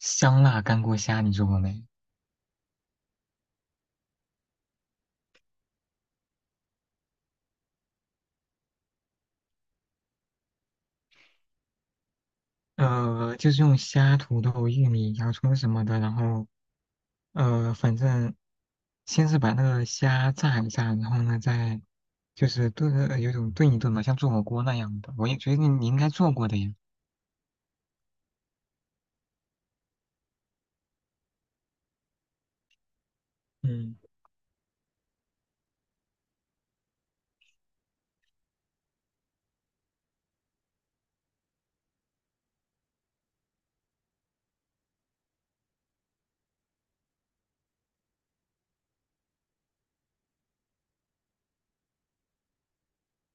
香辣干锅虾你做过没？就是用虾、土豆、玉米、洋葱什么的，然后反正先是把那个虾炸一炸，然后呢再就是炖，有种炖一炖嘛，像做火锅那样的。我也觉得你应该做过的呀。嗯。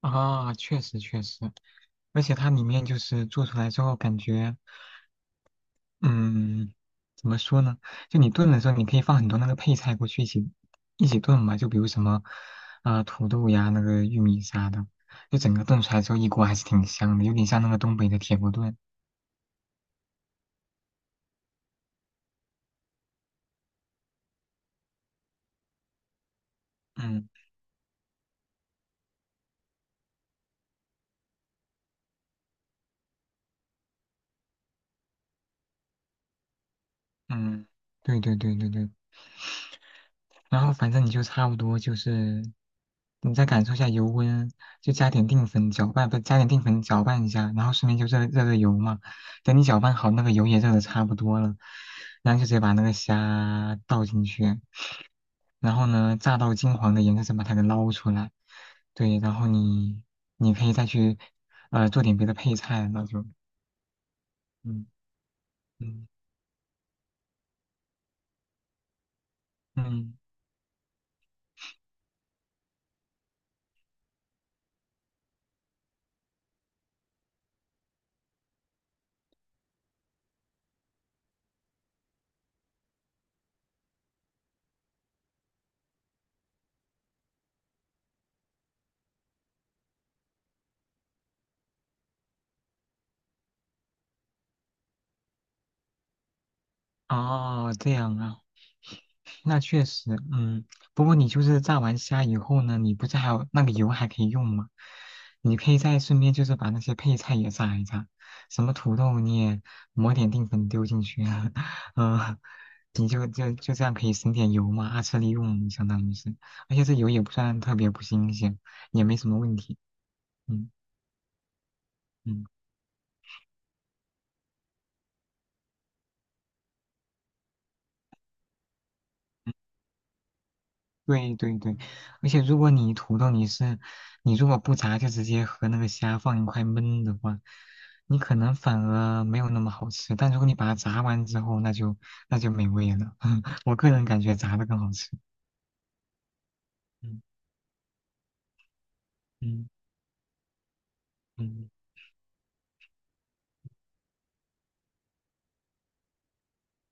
啊，确实确实，而且它里面就是做出来之后感觉。嗯，怎么说呢？就你炖的时候，你可以放很多那个配菜过去一起炖嘛，就比如什么啊、土豆呀、那个玉米啥的，就整个炖出来之后一锅还是挺香的，有点像那个东北的铁锅炖。嗯。嗯，对对对对对。然后反正你就差不多就是你再感受一下油温，就加点淀粉搅拌，不加点淀粉搅拌一下，然后顺便就热油嘛。等你搅拌好，那个油也热的差不多了，然后就直接把那个虾倒进去。然后呢，炸到金黄的颜色再把它给捞出来。对，然后你可以再去做点别的配菜，那就嗯。嗯。嗯。哦这样啊。那确实，嗯，不过你就是炸完虾以后呢，你不是还有那个油还可以用吗？你可以再顺便就是把那些配菜也炸一炸，什么土豆你也抹点淀粉丢进去啊，嗯，你就这样可以省点油嘛，二次利用相当于是，而且这油也不算特别不新鲜，也没什么问题。嗯。嗯。嗯，对对对，而且如果你土豆你是，你如果不炸就直接和那个虾放一块焖的话，你可能反而没有那么好吃。但如果你把它炸完之后，那就美味了。我个人感觉炸的更好吃。嗯。嗯。嗯，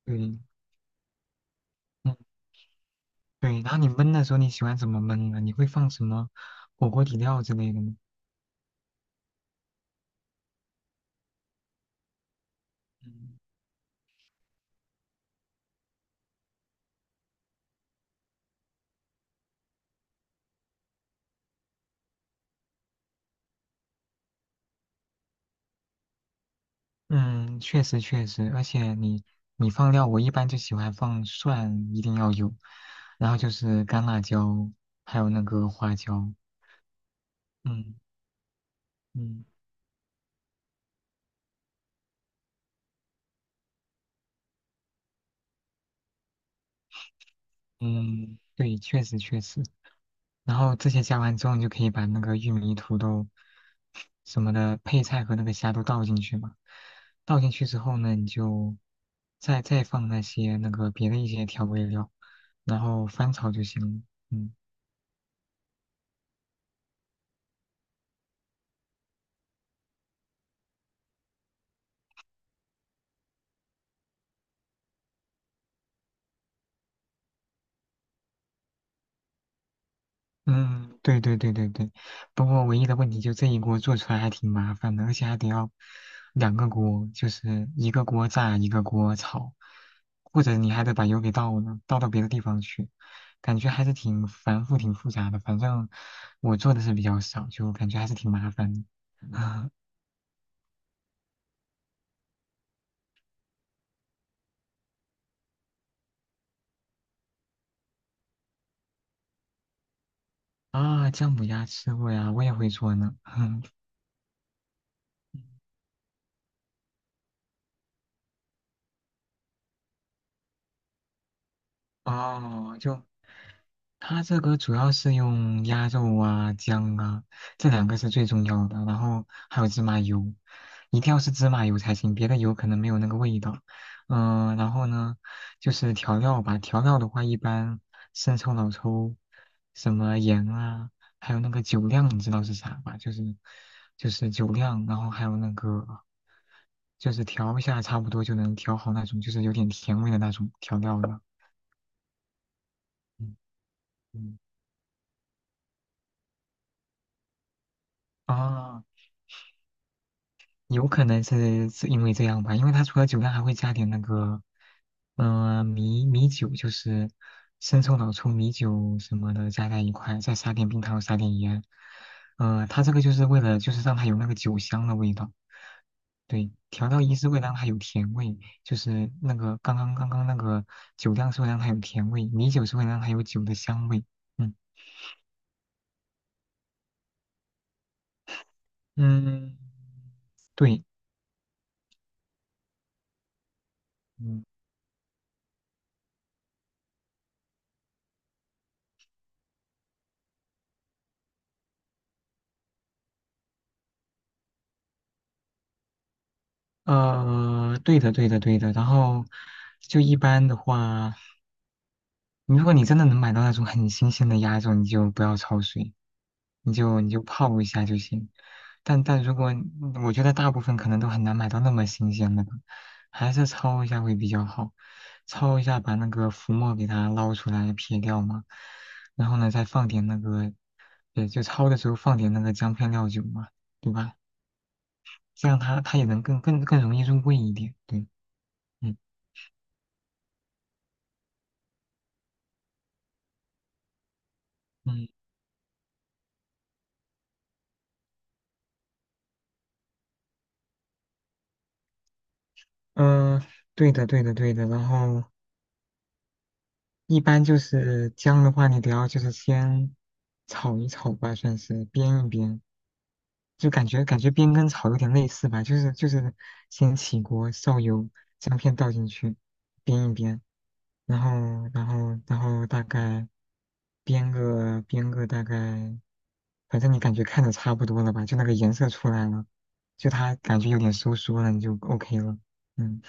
对。嗯。对。然后你焖的时候你喜欢怎么焖呢？你会放什么火锅底料之类的吗？嗯。嗯，确实确实，而且你放料，我一般就喜欢放蒜，一定要有，然后就是干辣椒，还有那个花椒。嗯。嗯。嗯，对，确实确实。然后这些加完之后，你就可以把那个玉米、土豆什么的配菜和那个虾都倒进去嘛。倒进去之后呢，你就再放那些那个别的一些调味料，然后翻炒就行了。嗯。嗯，对对对对对，不过唯一的问题就这一锅做出来还挺麻烦的，而且还得要两个锅，就是一个锅炸，一个锅炒，或者你还得把油给倒了，倒到别的地方去，感觉还是挺繁复、挺复杂的。反正我做的是比较少，就感觉还是挺麻烦的。啊。啊，姜母鸭吃过呀，我也会做呢。哦，就它这个主要是用鸭肉啊、姜啊，这两个是最重要的，然后还有芝麻油，一定要是芝麻油才行，别的油可能没有那个味道。嗯、然后呢，就是调料吧，调料的话一般生抽、老抽，什么盐啊，还有那个酒酿，你知道是啥吧？就是酒酿，然后还有那个就是调一下，差不多就能调好那种，就是有点甜味的那种调料了。嗯。嗯。啊，有可能是因为这样吧，因为它除了酒量还会加点那个，嗯，米酒，就是生抽、老抽、米酒什么的加在一块，再撒点冰糖，撒点盐。它这个就是为了就是让它有那个酒香的味道，对，调料一是为了让它有甜味，就是那个刚刚那个酒量是会让它有甜味，米酒是会让它有酒的香味。嗯。嗯，对。嗯。对的，对的，对的。然后就一般的话，你如果你真的能买到那种很新鲜的鸭肉，你就不要焯水，你就泡一下就行。但如果我觉得大部分可能都很难买到那么新鲜的，还是焯一下会比较好。焯一下，把那个浮沫给它捞出来撇掉嘛，然后呢再放点那个，也就焯的时候放点那个姜片料酒嘛，对吧？这样它也能更容易入味一点，对。嗯。嗯。嗯，对的，对的，对的。然后一般就是姜的话，你得要就是先炒一炒吧，算是煸一煸，就感觉煸跟炒有点类似吧，就是先起锅烧油，姜片倒进去，煸一煸，然后大概煸个大概，反正你感觉看着差不多了吧，就那个颜色出来了，就它感觉有点收缩了，你就 OK 了。嗯。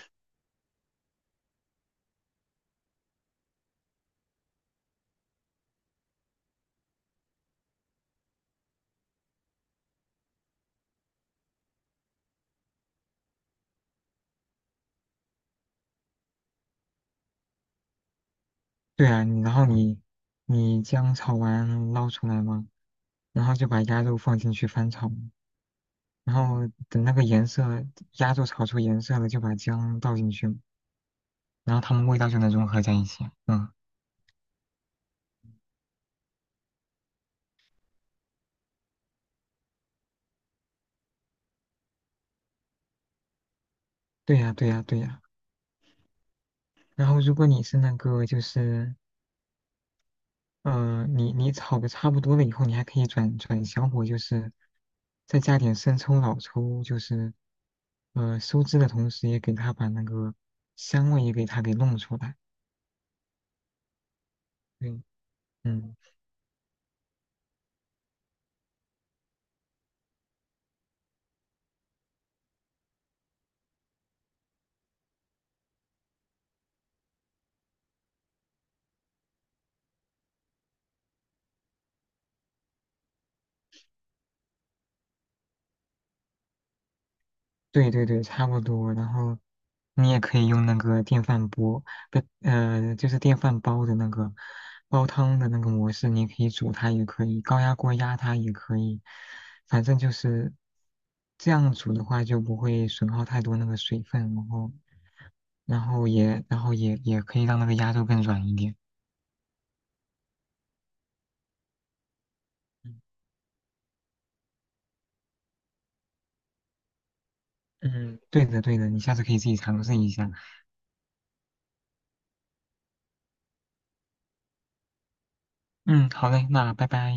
对啊，然后你你姜炒完捞出来嘛，然后就把鸭肉放进去翻炒，然后等那个颜色，鸭肉炒出颜色了，就把姜倒进去，然后它们味道就能融合在一起啊。嗯，对呀，对呀，对呀。然后如果你是那个就是，你你炒的差不多了以后，你还可以转小火，就是再加点生抽、老抽，就是收汁的同时，也给它把那个香味也给它给弄出来。对。嗯。对对对，差不多。然后你也可以用那个电饭锅，不，就是电饭煲的那个煲汤的那个模式，你可以煮它，也可以高压锅压它，也可以。反正就是这样煮的话，就不会损耗太多那个水分，然后，然后也可以让那个鸭肉更软一点。嗯，对的对的，你下次可以自己尝试一下。嗯，好嘞，那拜拜。